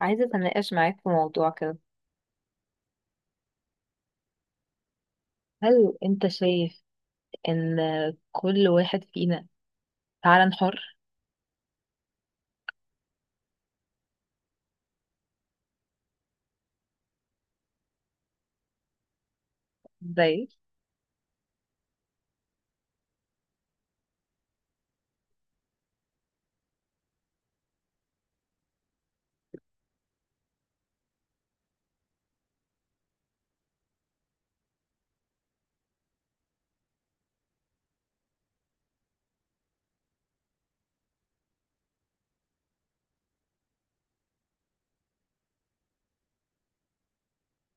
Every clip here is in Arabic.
عايزة أتناقش معاك في موضوع كده. هل أنت شايف إن كل واحد فينا فعلا حر؟ زي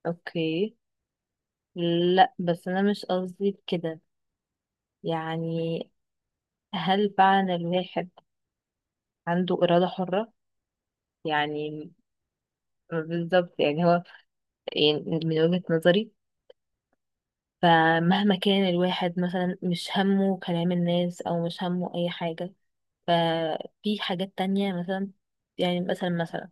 أوكي. لا، بس أنا مش قصدي كده، يعني. هل فعلا الواحد عنده إرادة حرة؟ يعني بالظبط، يعني هو، يعني من وجهة نظري، فمهما كان الواحد مثلا مش همه كلام الناس أو مش همه أي حاجة، ففي حاجات تانية مثلا، يعني مثلا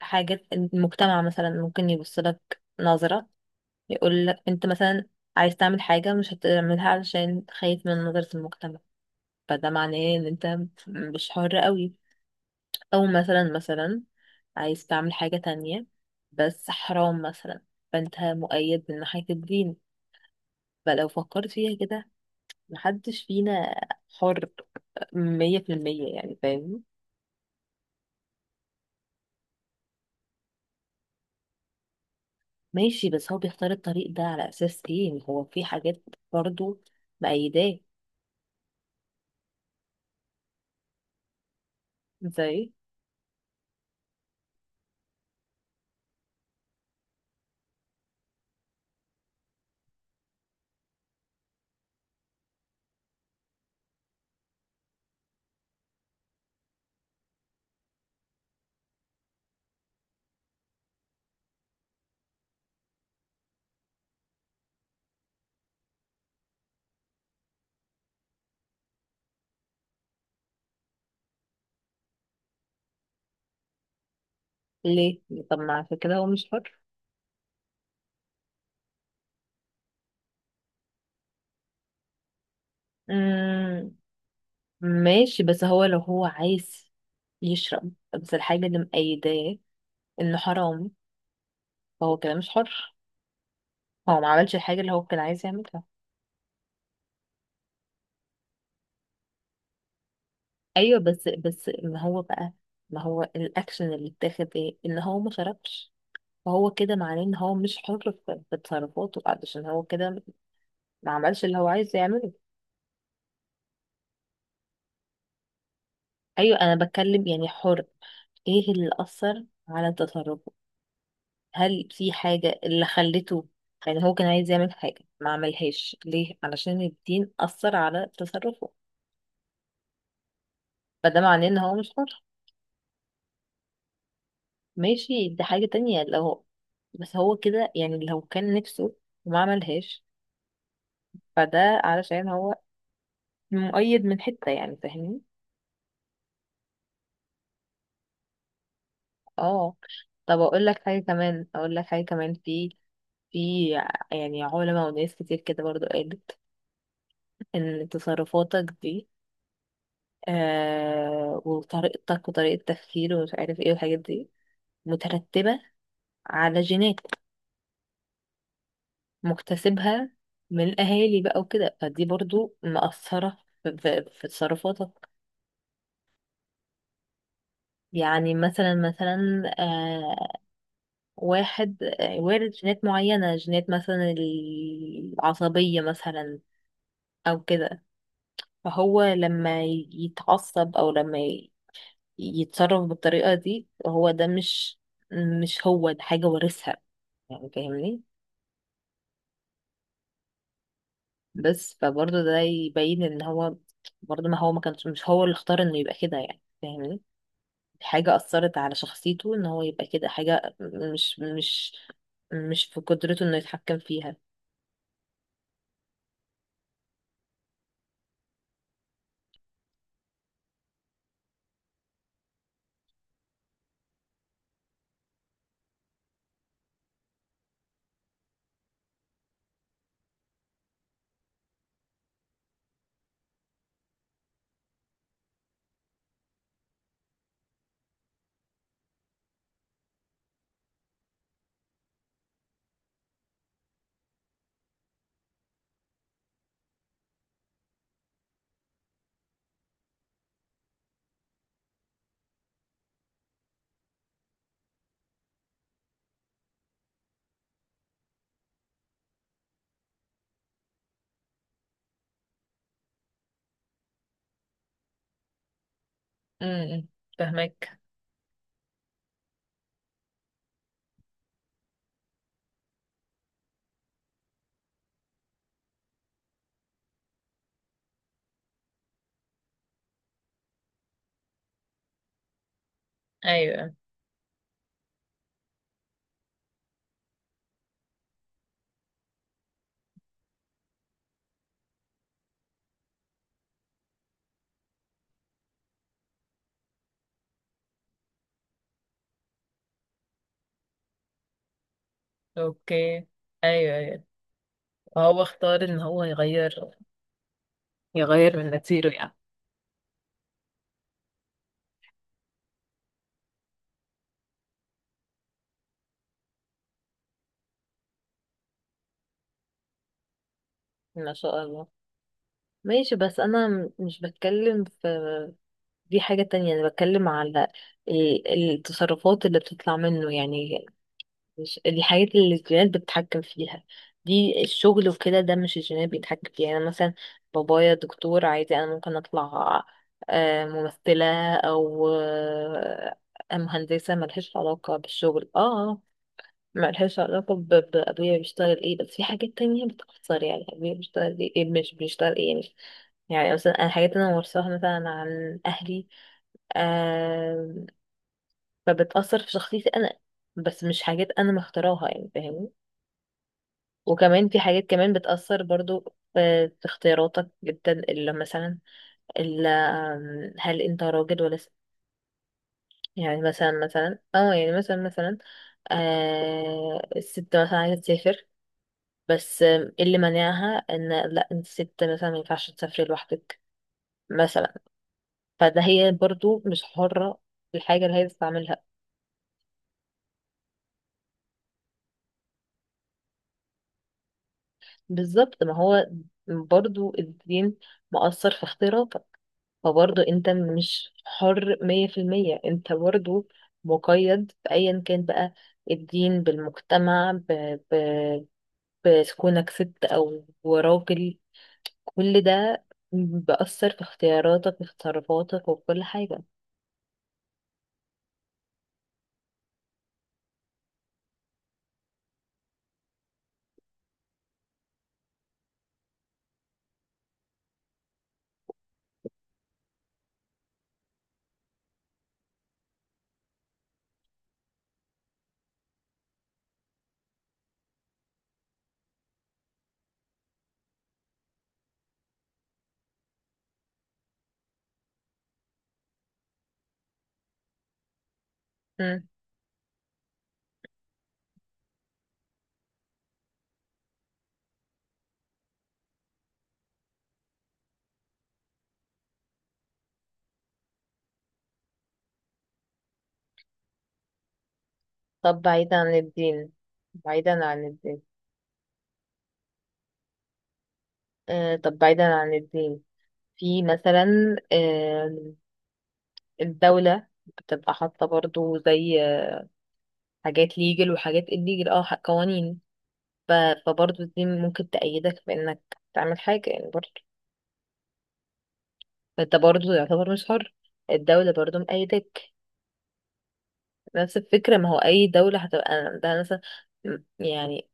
حاجات المجتمع مثلا ممكن يبص لك نظرة، يقول لك انت مثلا عايز تعمل حاجة مش هتعملها علشان خايف من نظرة المجتمع. فده معناه ان انت مش حر قوي، او مثلا عايز تعمل حاجة تانية بس حرام مثلا، فانت مؤيد من ناحية الدين. فلو فكرت فيها كده، محدش فينا حر 100%، يعني فاهمني. ماشي، بس هو بيختار الطريق ده على أساس ايه؟ هو في حاجات برضو مأيداه. زي ليه؟ طب ما عشان كده هو مش حر. امم. ماشي، بس هو لو هو عايز يشرب، بس الحاجة اللي مقيداه انه حرام، فهو كده مش حر. هو ما عملش الحاجة اللي هو كان عايز يعملها. ايوه، بس ما هو بقى، ما هو الاكشن اللي اتاخد؟ ايه؟ ان هو ما شربش. فهو كده معناه ان هو مش حر في تصرفاته علشان هو كده ما عملش اللي هو عايز يعمله. ايوه، انا بتكلم يعني حر. ايه اللي اثر على تصرفه؟ هل في حاجة اللي خلته، يعني هو كان عايز يعمل حاجة ما عملهاش ليه؟ علشان الدين أثر على تصرفه. فده معناه إن هو مش حر. ماشي، دي حاجة تانية لو، بس هو كده، يعني لو كان نفسه وما عملهاش، فده علشان هو مؤيد من حتة، يعني فاهمني. اه. طب اقول لك حاجة كمان، اقول لك حاجة كمان. في، في، يعني علماء وناس كتير كده برضو قالت ان تصرفاتك دي وطريقتك وطريقة تفكير ومش عارف ايه والحاجات دي مترتبة على جينات مكتسبها من الأهالي بقى وكده، فدي برضو مأثرة في تصرفاتك. يعني مثلا واحد، وارد جينات معينة، جينات مثلا العصبية مثلا أو كده. فهو لما يتعصب أو يتصرف بالطريقة دي، هو ده مش هو ده، حاجة وارثها، يعني فاهمني. بس فبرضه ده يبين ان هو برضه، ما هو ما كانش، مش هو اللي اختار انه يبقى كده، يعني فاهمني. حاجة أثرت على شخصيته ان هو يبقى كده، حاجة مش مش مش في قدرته انه يتحكم فيها. امم. فهمك. ايوه. اوكي. ايوه، ايوه. هو يغير تيره يعني. ما شاء الله. ماشي، بس انا مش بتكلم في، دي حاجة تانية. انا بتكلم على ال- التصرفات اللي بتطلع منه، يعني مش دي حاجات اللي الجينات بتتحكم فيها. دي الشغل وكده، ده مش الجينات بيتحكم فيها، يعني أنا مثلا بابايا دكتور عادي، انا ممكن اطلع ممثلة او مهندسة، ملهاش علاقة بالشغل. اه. آه، ملهاش علاقة بأبويا بيشتغل ايه، بس في حاجات تانية بتأثر، يعني أبويا بيشتغل ايه إيه مش بيشتغل ايه يعني. يعني مثلا أنا حاجات أنا ورثاها مثلا عن أهلي، آه، فبتأثر في شخصيتي أنا، بس مش حاجات أنا مختاراها، يعني فاهمني. وكمان في حاجات كمان بتأثر برضو في اختياراتك جدا، اللي مثلا، اللي هل انت راجل ولا ست؟ يعني مثلا اه، يعني مثلا آه، الست مثلا عايزة تسافر، بس اللي منعها ان لا انت ست مثلا ما ينفعش تسافري لوحدك مثلا. فده هي برضو مش حرة في الحاجة اللي هي بتستعملها. بالظبط، ما هو برضو الدين مؤثر في اختياراتك. فبرضه انت مش حر 100%، انت برضه مقيد بأيا كان بقى، الدين، بالمجتمع، ب... بكونك ست أو راجل، كل ده بأثر في اختياراتك وفي تصرفاتك وفي كل حاجة. مم. طب بعيدا عن الدين، بعيدا عن الدين، آه، طب بعيدا عن الدين، في مثلا آه الدولة بتبقى حاطة برضو زي حاجات ليجل وحاجات الليجل، اه، قوانين. ف... فبرضه دي ممكن تأيدك بإنك تعمل حاجة، يعني برضه فأنت برضه يعتبر مش حر. الدولة برضه مأيدك. نفس الفكرة. ما هو أي دولة هتبقى عندها مثلا م- يعني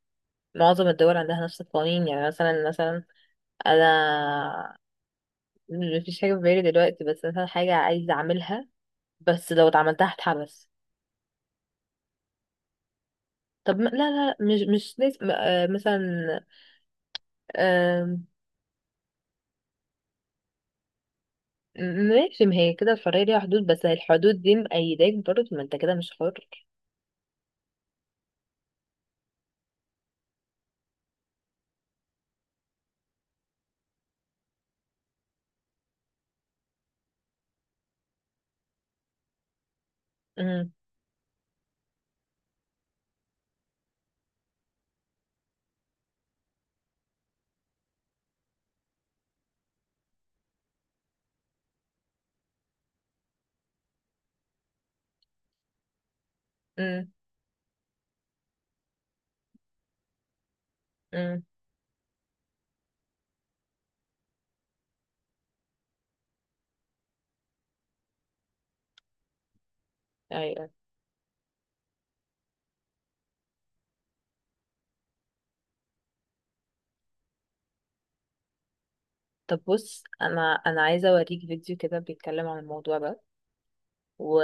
معظم الدول عندها نفس القوانين، يعني مثلا أنا مفيش حاجة في بالي دلوقتي، بس مثلا حاجة عايزة أعملها، بس لو اتعملتها هتحبس. طب لا مش لازم، مثلا، آه، ماشي، ما هي كده الحرية ليها حدود، بس هي الحدود دي مأيداك برضه، ما انت كده مش حر. مم. امم. ايوه. طب بص، انا عايزه اوريك فيديو كده بيتكلم عن الموضوع ده و...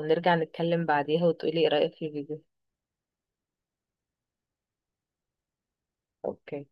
ونرجع نتكلم بعديها وتقولي ايه رايك في الفيديو. اوكي.